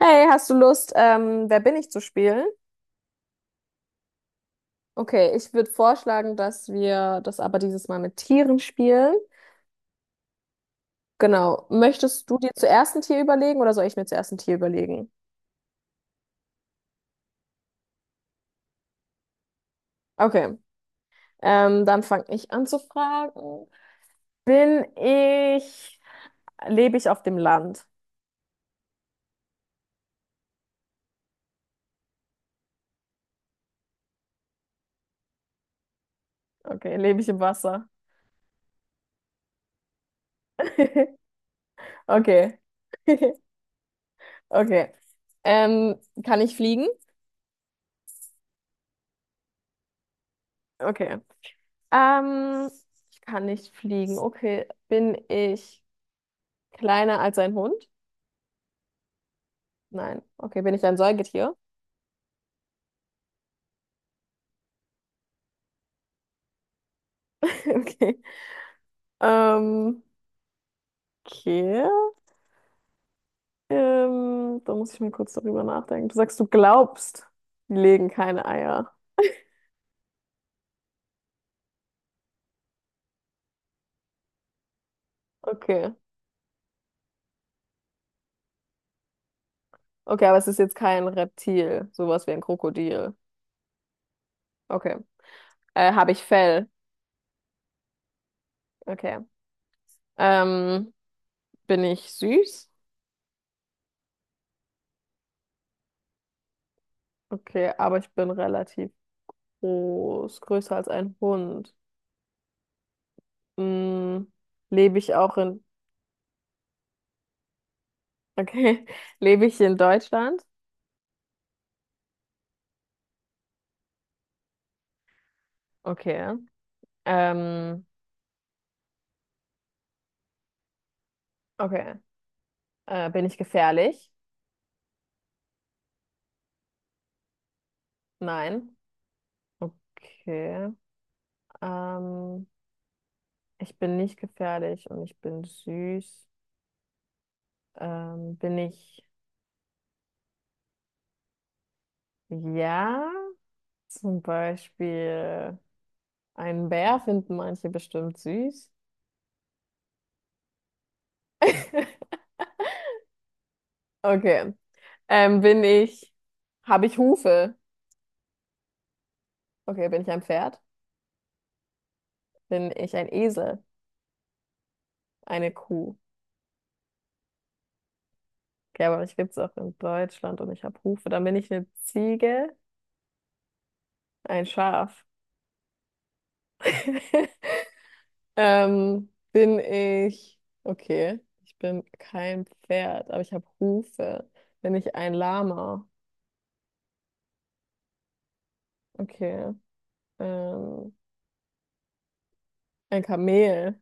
Hey, hast du Lust, Wer bin ich zu spielen? Okay, ich würde vorschlagen, dass wir das aber dieses Mal mit Tieren spielen. Genau. Möchtest du dir zuerst ein Tier überlegen oder soll ich mir zuerst ein Tier überlegen? Okay, dann fange ich an zu fragen. Bin ich, lebe ich auf dem Land? Okay, lebe ich im Wasser? Okay. Okay. Ähm, kann ich fliegen? Okay. Ähm, ich kann nicht fliegen. Okay, bin ich. Kleiner als ein Hund? Nein. Okay, bin ich ein Säugetier? Okay. Ähm, okay. Da muss ich mal kurz darüber nachdenken. Du sagst, du glaubst, die legen keine Eier. Okay. Okay, aber es ist jetzt kein Reptil, sowas wie ein Krokodil. Okay. Habe ich Fell? Okay. Ähm, bin ich süß? Okay, aber ich bin relativ groß, größer als ein Hund. Mm, lebe ich auch in, okay, lebe ich in Deutschland? Okay. Ähm, okay. Bin ich gefährlich? Nein. Okay. Ähm, ich bin nicht gefährlich und ich bin süß. Bin ich, ja, zum Beispiel einen Bär finden manche bestimmt süß. Okay. Bin ich, habe ich Hufe? Okay, bin ich ein Pferd? Bin ich ein Esel? Eine Kuh? Okay, aber mich gibt es auch in Deutschland und ich habe Hufe. Dann bin ich eine Ziege, ein Schaf. Bin ich, okay, ich bin kein Pferd, aber ich habe Hufe. Bin ich ein Lama? Okay. Ähm, ein Kamel.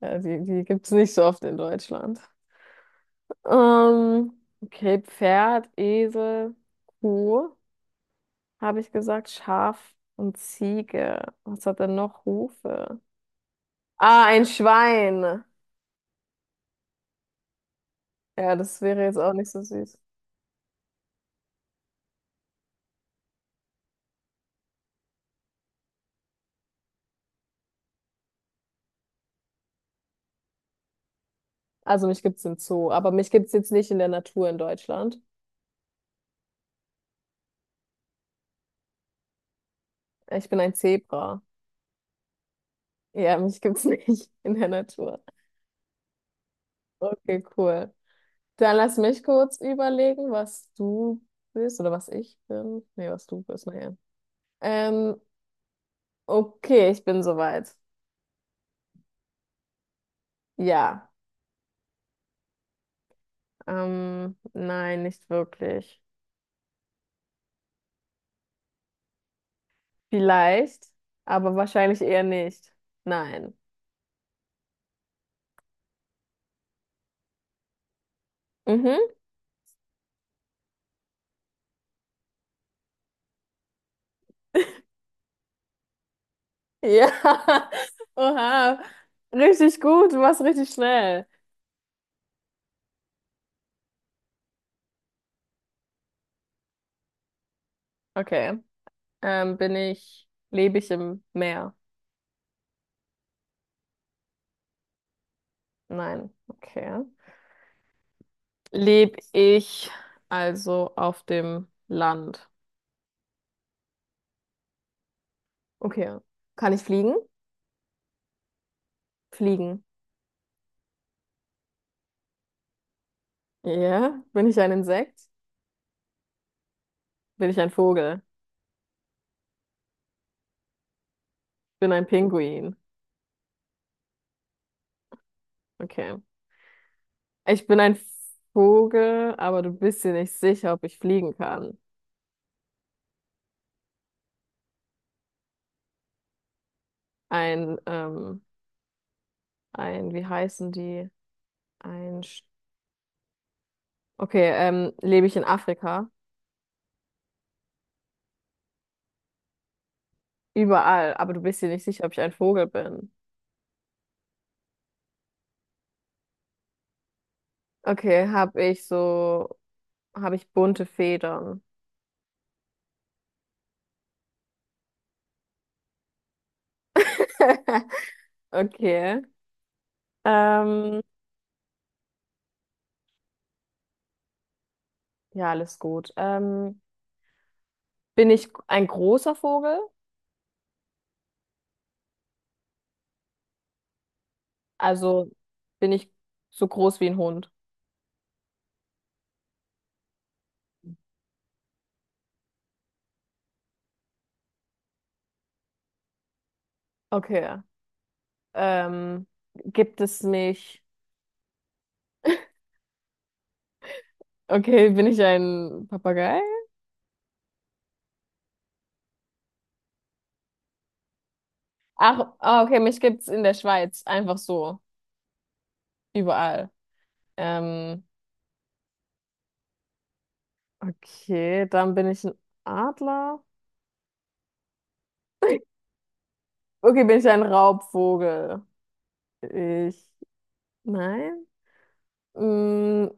Ja, die gibt es nicht so oft in Deutschland. Ähm, okay, Pferd, Esel, Kuh, habe ich gesagt, Schaf und Ziege. Was hat denn noch Hufe? Ah, ein Schwein. Ja, das wäre jetzt auch nicht so süß. Also mich gibt's im Zoo, aber mich gibt's jetzt nicht in der Natur in Deutschland. Ich bin ein Zebra. Ja, mich gibt's nicht in der Natur. Okay, cool. Dann lass mich kurz überlegen, was du bist oder was ich bin. Nee, was du bist, naja. Ähm, okay, ich bin soweit. Ja. Nein, nicht wirklich. Vielleicht, aber wahrscheinlich eher nicht. Nein. Mhm. Ja. Oha. Richtig gut, du warst richtig schnell. Okay. Bin ich, lebe ich im Meer? Nein. Okay. Lebe ich also auf dem Land? Okay. Kann ich fliegen? Fliegen. Ja. Bin ich ein Insekt? Bin ich ein Vogel? Bin ein Pinguin. Okay. Ich bin ein Vogel, aber du bist dir nicht sicher, ob ich fliegen kann. Ein, ähm, ein, wie heißen die? Ein, Sch- okay, lebe ich in Afrika? Überall, aber du bist dir nicht sicher, ob ich ein Vogel bin. Okay, habe ich so, habe ich bunte Federn. Okay. Ähm, ja, alles gut. Bin ich ein großer Vogel? Also bin ich so groß wie ein Hund? Okay. Ähm, gibt es mich? Okay, bin ich ein Papagei? Ach, ah, okay, mich gibt's in der Schweiz einfach so, überall. Ähm, okay, dann bin ich ein Adler. Okay, bin ich ein Raubvogel? Ich. Nein? Mm,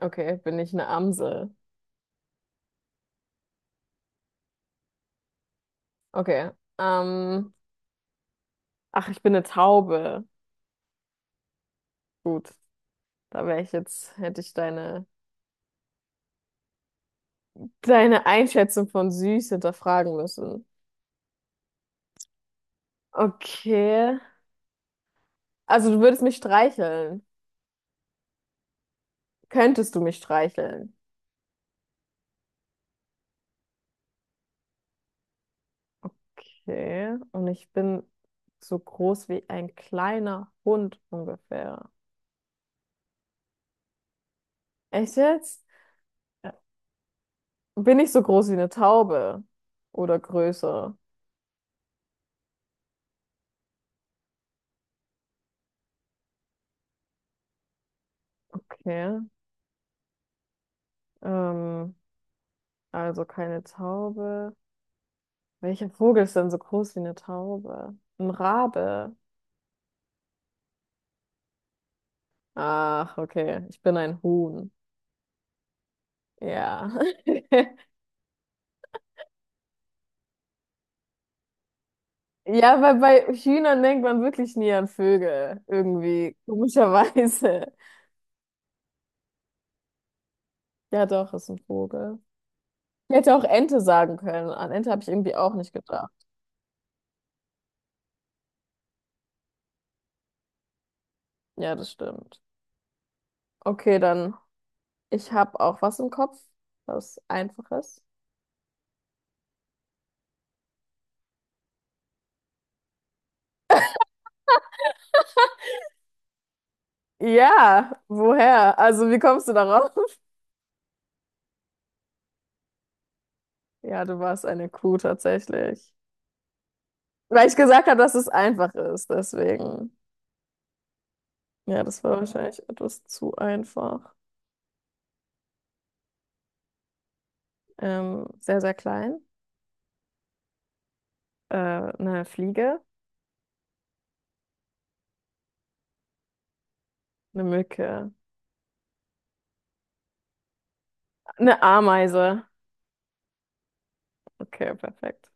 okay, bin ich eine Amsel? Okay. Ähm, ach, ich bin eine Taube. Gut, da wäre ich jetzt, hätte ich deine, deine Einschätzung von süß hinterfragen müssen. Okay. Also du würdest mich streicheln. Könntest du mich streicheln? Okay. Und ich bin so groß wie ein kleiner Hund ungefähr. Echt jetzt? Ja. Bin ich so groß wie eine Taube? Oder größer? Okay. Ähm. Also keine Taube. Welcher Vogel ist denn so groß wie eine Taube? Ein Rabe. Ach, okay. Ich bin ein Huhn. Ja. Ja, weil bei Hühnern denkt man wirklich nie an Vögel. Irgendwie. Komischerweise. Ja, doch, ist ein Vogel. Ich hätte auch Ente sagen können. An Ente habe ich irgendwie auch nicht gedacht. Ja, das stimmt. Okay, dann. Ich habe auch was im Kopf. Was Einfaches. Ja, woher? Also, wie kommst du darauf? Ja, du warst eine Kuh tatsächlich. Weil ich gesagt habe, dass es einfach ist, deswegen. Ja, das war wahrscheinlich etwas zu einfach. Sehr, sehr klein. Eine Fliege, eine Mücke, eine Ameise. Okay, perfekt.